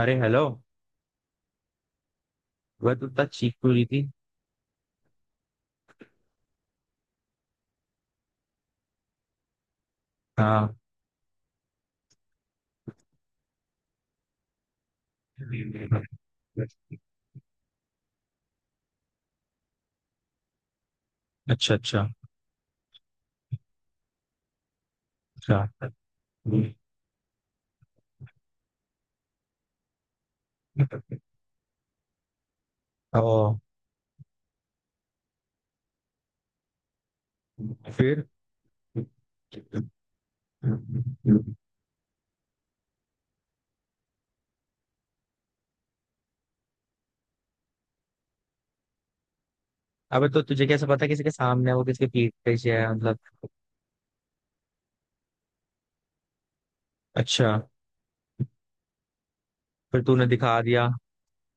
अरे हेलो। वह तो इतना चीख क्यों रही थी। हाँ। अच्छा अच्छा अच्छा। ओ, फिर? अबे तो तुझे कैसे पता किसी के सामने है वो किसके पीठ पीछे है मतलब? अच्छा। फिर तूने दिखा दिया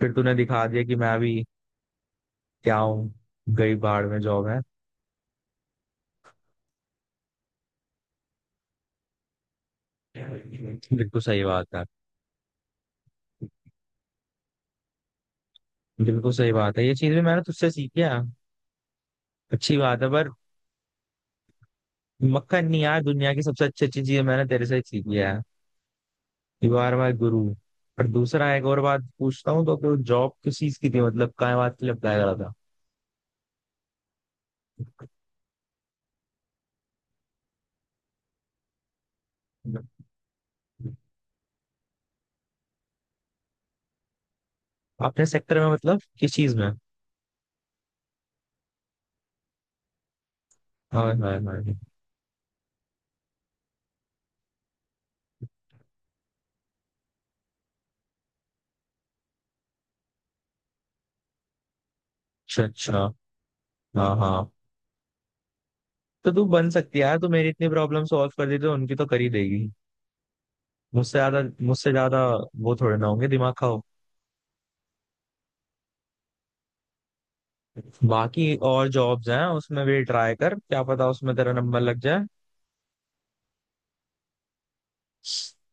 फिर तूने दिखा दिया कि मैं भी क्या हूँ। गई बाढ़ में जॉब है। बिल्कुल सही बात है। बिल्कुल सही बात है, ये चीज भी मैंने तुझसे सीखी है। अच्छी बात है पर मक्खन नहीं यार, दुनिया की सबसे अच्छी अच्छी चीज मैंने तेरे से सीखी है। You are my guru. और दूसरा एक और बात पूछता हूँ तो कि वो जॉब किस चीज की थी मतलब क्या बात के लिए अप्लाई करा था? आपने सेक्टर में मतलब किस चीज में? हाँ हाँ हाँ। अच्छा अच्छा। हाँ हाँ, तो तू बन सकती है यार, तू मेरी इतनी प्रॉब्लम सॉल्व कर देती तो उनकी तो कर ही देगी। मुझसे ज्यादा। वो थोड़े ना होंगे दिमाग खाओ। बाकी और जॉब्स हैं, उसमें भी ट्राई कर, क्या पता उसमें तेरा नंबर लग जाए।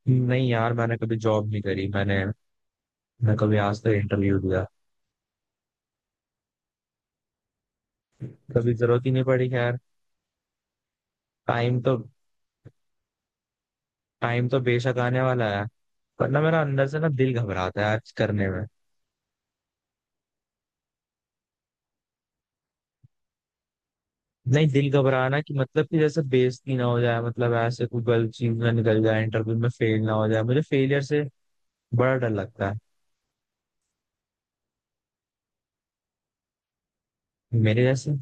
नहीं यार, मैंने कभी जॉब नहीं करी। मैंने, मैं कभी आज तक इंटरव्यू दिया। कभी जरूरत ही नहीं पड़ी, खैर। टाइम तो, टाइम तो बेशक आने वाला है। पर ना, मेरा अंदर से ना दिल घबराता है आज करने में। नहीं, दिल घबराना कि मतलब कि जैसे बेइज्जती ना हो जाए, मतलब ऐसे कोई गलत चीज ना निकल जाए, इंटरव्यू में फेल ना हो जाए, मुझे फेलियर से बड़ा डर लगता है। मेरे जैसे?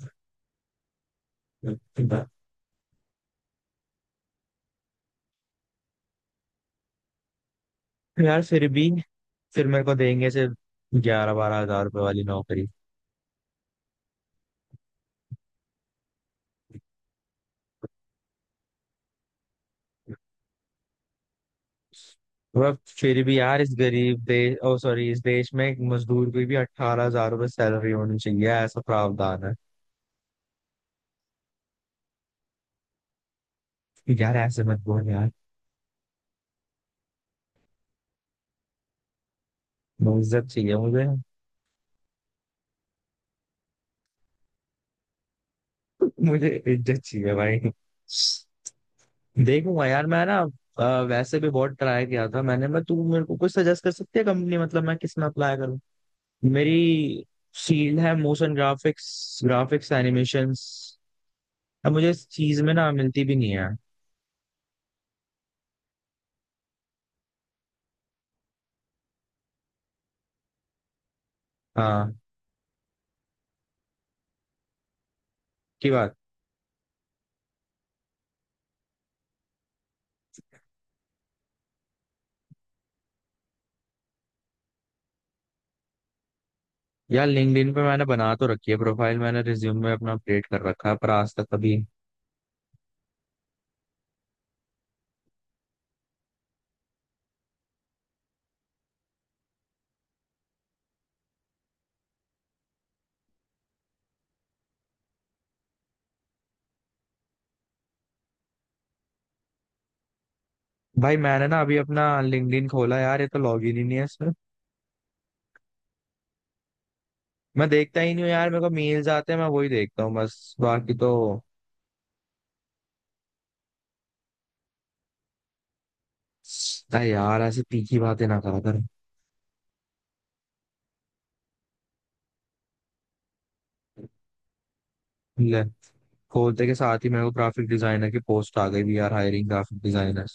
यार फिर भी, फिर मेरे को देंगे से 11 12 हजार रुपए वाली नौकरी। वह, फिर भी यार इस गरीब देश, ओ सॉरी, इस देश में एक मजदूर की भी 18 हजार रुपए सैलरी होनी चाहिए, ऐसा प्रावधान है। यार ऐसे मत बोल यार। इज्जत चाहिए मुझे। मुझे इज्जत चाहिए भाई। देखूंगा यार मैं ना, वैसे भी बहुत ट्राई किया था मैंने। मैं, तू मेरे को कुछ सजेस्ट कर सकती है कंपनी, मतलब मैं किस में अप्लाई करूँ? मेरी फील्ड है मोशन ग्राफिक्स, ग्राफिक्स एनिमेशंस। अब मुझे इस चीज में ना मिलती भी नहीं है। हाँ। की बात। यार लिंक्डइन पे मैंने बना तो रखी है प्रोफाइल, मैंने रिज्यूम में अपना अपडेट कर रखा है पर आज तक कभी। भाई मैंने ना अभी अपना लिंक्डइन खोला यार, ये तो लॉगिन ही नहीं है इसमें। मैं देखता ही नहीं हूँ यार, मेरे को मेल्स आते हैं मैं वही देखता हूँ बस, बाकी तो। अरे यार ऐसे तीखी बातें ना करा कर। ले, खोलते के साथ ही मेरे को ग्राफिक डिजाइनर की पोस्ट आ गई भी यार, हायरिंग ग्राफिक डिजाइनर।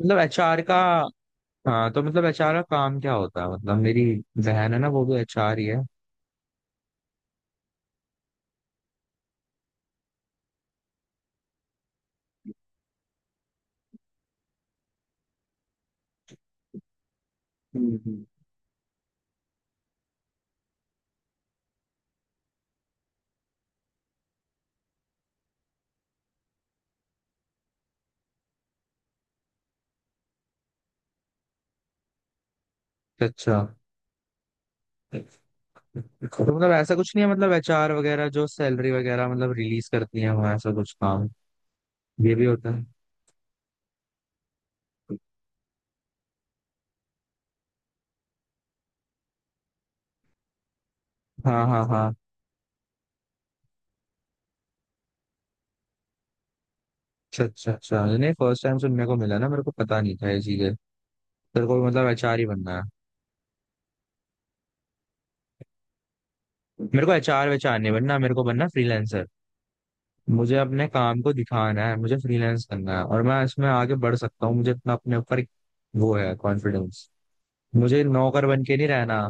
मतलब एचआर का, हाँ, तो मतलब एचआर का काम क्या होता है? मतलब मेरी बहन है ना, वो भी एचआर ही है। हम्म हम्म। अच्छा, तो मतलब ऐसा कुछ नहीं है मतलब एचआर वगैरह जो सैलरी वगैरह मतलब रिलीज करती है वहाँ, ऐसा कुछ काम ये भी होता है? हाँ हाँ हाँ। अच्छा अच्छा अच्छा, नहीं फर्स्ट टाइम सुनने को मिला ना, मेरे को पता नहीं था ये चीजें। तेरे को मतलब एचआर ही बनना है? मेरे को एचआर वेचआर नहीं बनना, मेरे को बनना फ्रीलांसर। मुझे अपने काम को दिखाना है, मुझे फ्रीलांस करना है, और मैं इसमें आगे बढ़ सकता हूँ, मुझे इतना अपने ऊपर वो है कॉन्फिडेंस। मुझे नौकर बन के नहीं रहना।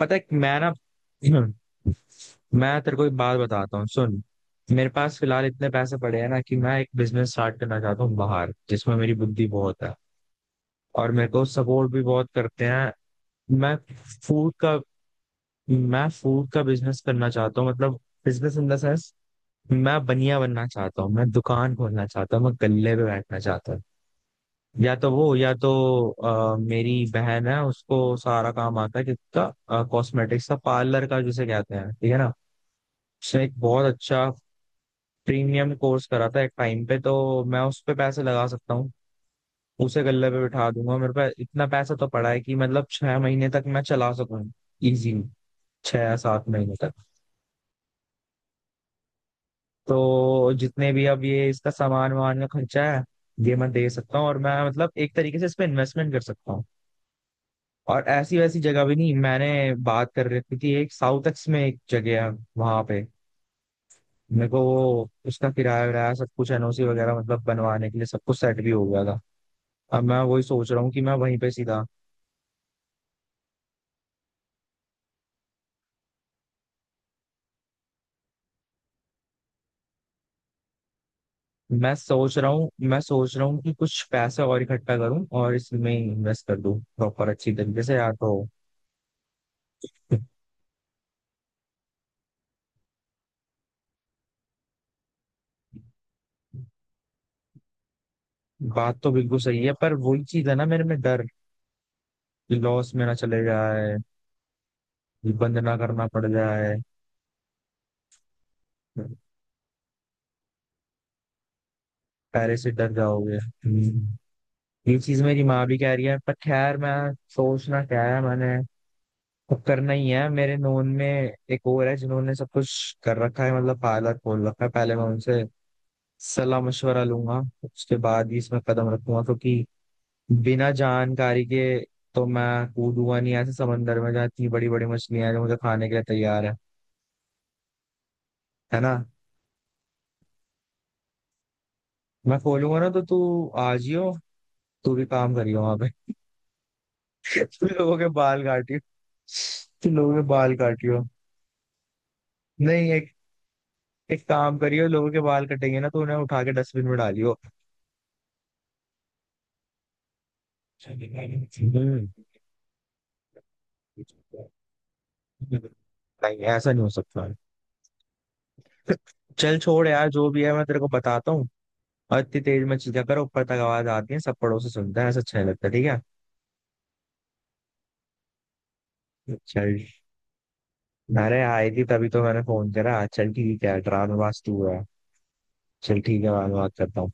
पता है मैं ना मैं तेरे को एक बात बताता हूँ, सुन। मेरे पास फिलहाल इतने पैसे पड़े हैं ना कि मैं एक बिजनेस स्टार्ट करना चाहता हूँ बाहर, जिसमें मेरी बुद्धि बहुत है और मेरे को सपोर्ट भी बहुत करते हैं। मैं फूड का, मैं फूड का बिजनेस करना चाहता हूँ, मतलब बिजनेस इन द सेंस मैं बनिया बनना चाहता हूँ, मैं दुकान खोलना चाहता हूँ, मैं गल्ले पे बैठना चाहता हूँ। या तो वो, या तो मेरी बहन है, उसको सारा काम आता है किसका, कॉस्मेटिक्स का, पार्लर का जिसे कहते हैं, ठीक है ना। उसने एक बहुत अच्छा प्रीमियम कोर्स करा था एक टाइम पे, तो मैं उस पे पैसे लगा सकता हूँ। उसे गल्ले पे बिठा दूंगा, मेरे पास इतना पैसा तो पड़ा है कि मतलब 6 महीने तक मैं चला सकूँ इजीली, 6 या 7 महीने तक। तो जितने भी अब ये इसका सामान वामान का खर्चा है, ये मैं दे सकता हूँ और मैं मतलब एक तरीके से इस पे इन्वेस्टमेंट कर सकता हूँ। और ऐसी वैसी जगह भी नहीं, मैंने बात कर रखी थी, एक साउथ एक्स में एक जगह है, वहां पे मेरे को वो उसका किराया विराया सब कुछ, एनओसी वगैरह मतलब बनवाने के लिए सब कुछ सेट भी हो गया था। अब मैं वही सोच रहा हूँ कि मैं वहीं पे सीधा, मैं सोच रहा हूँ, मैं सोच रहा हूँ कि कुछ पैसे और इकट्ठा करूँ और इसमें इन्वेस्ट कर दूँ प्रॉपर अच्छी तरीके से, या तो। बात तो बिल्कुल सही है पर वही चीज है ना, मेरे में डर कि लॉस मेरा चले जाए, ये बंद ना करना पड़ जाए, पहले से डर जाओगे। हम्म। ये चीज मेरी माँ भी कह रही है, पर खैर, मैं सोचना क्या है मैंने, अब करना ही है। मेरे नोन में एक और है जिन्होंने सब कुछ कर रखा है, मतलब पार्लर खोल रखा है, पहले मैं उनसे सलाह मशवरा लूंगा, उसके बाद ही इसमें कदम रखूंगा, क्योंकि बिना जानकारी के तो मैं कूदूंगा नहीं ऐसे समंदर में जहाँ इतनी बड़ी बड़ी मछलियां हैं जो मुझे खाने के लिए तैयार है। है ना। मैं खोलूंगा ना तो तू आ जियो, तू भी काम करियो वहां पे। तू लोगों के बाल काटियो, तू लोगों के बाल काटियो। नहीं, एक, एक काम करियो, लोगों के बाल कटेंगे ना तो उन्हें उठा के डस्टबिन में डालियो। हम्म। नहीं ऐसा नहीं हो सकता। चल छोड़ यार, जो भी है मैं तेरे को बताता हूँ। और इतनी तेज में चीजें करो, ऊपर तक आवाज आती है, सब पड़ोसी सुनते हैं, ऐसा अच्छा नहीं लगता, ठीक है? चल। अरे आई थी तभी तो मैंने फोन करा, चल ठीक है, ड्रामेबाज तू है। चल ठीक है, बाद में बात करता हूँ।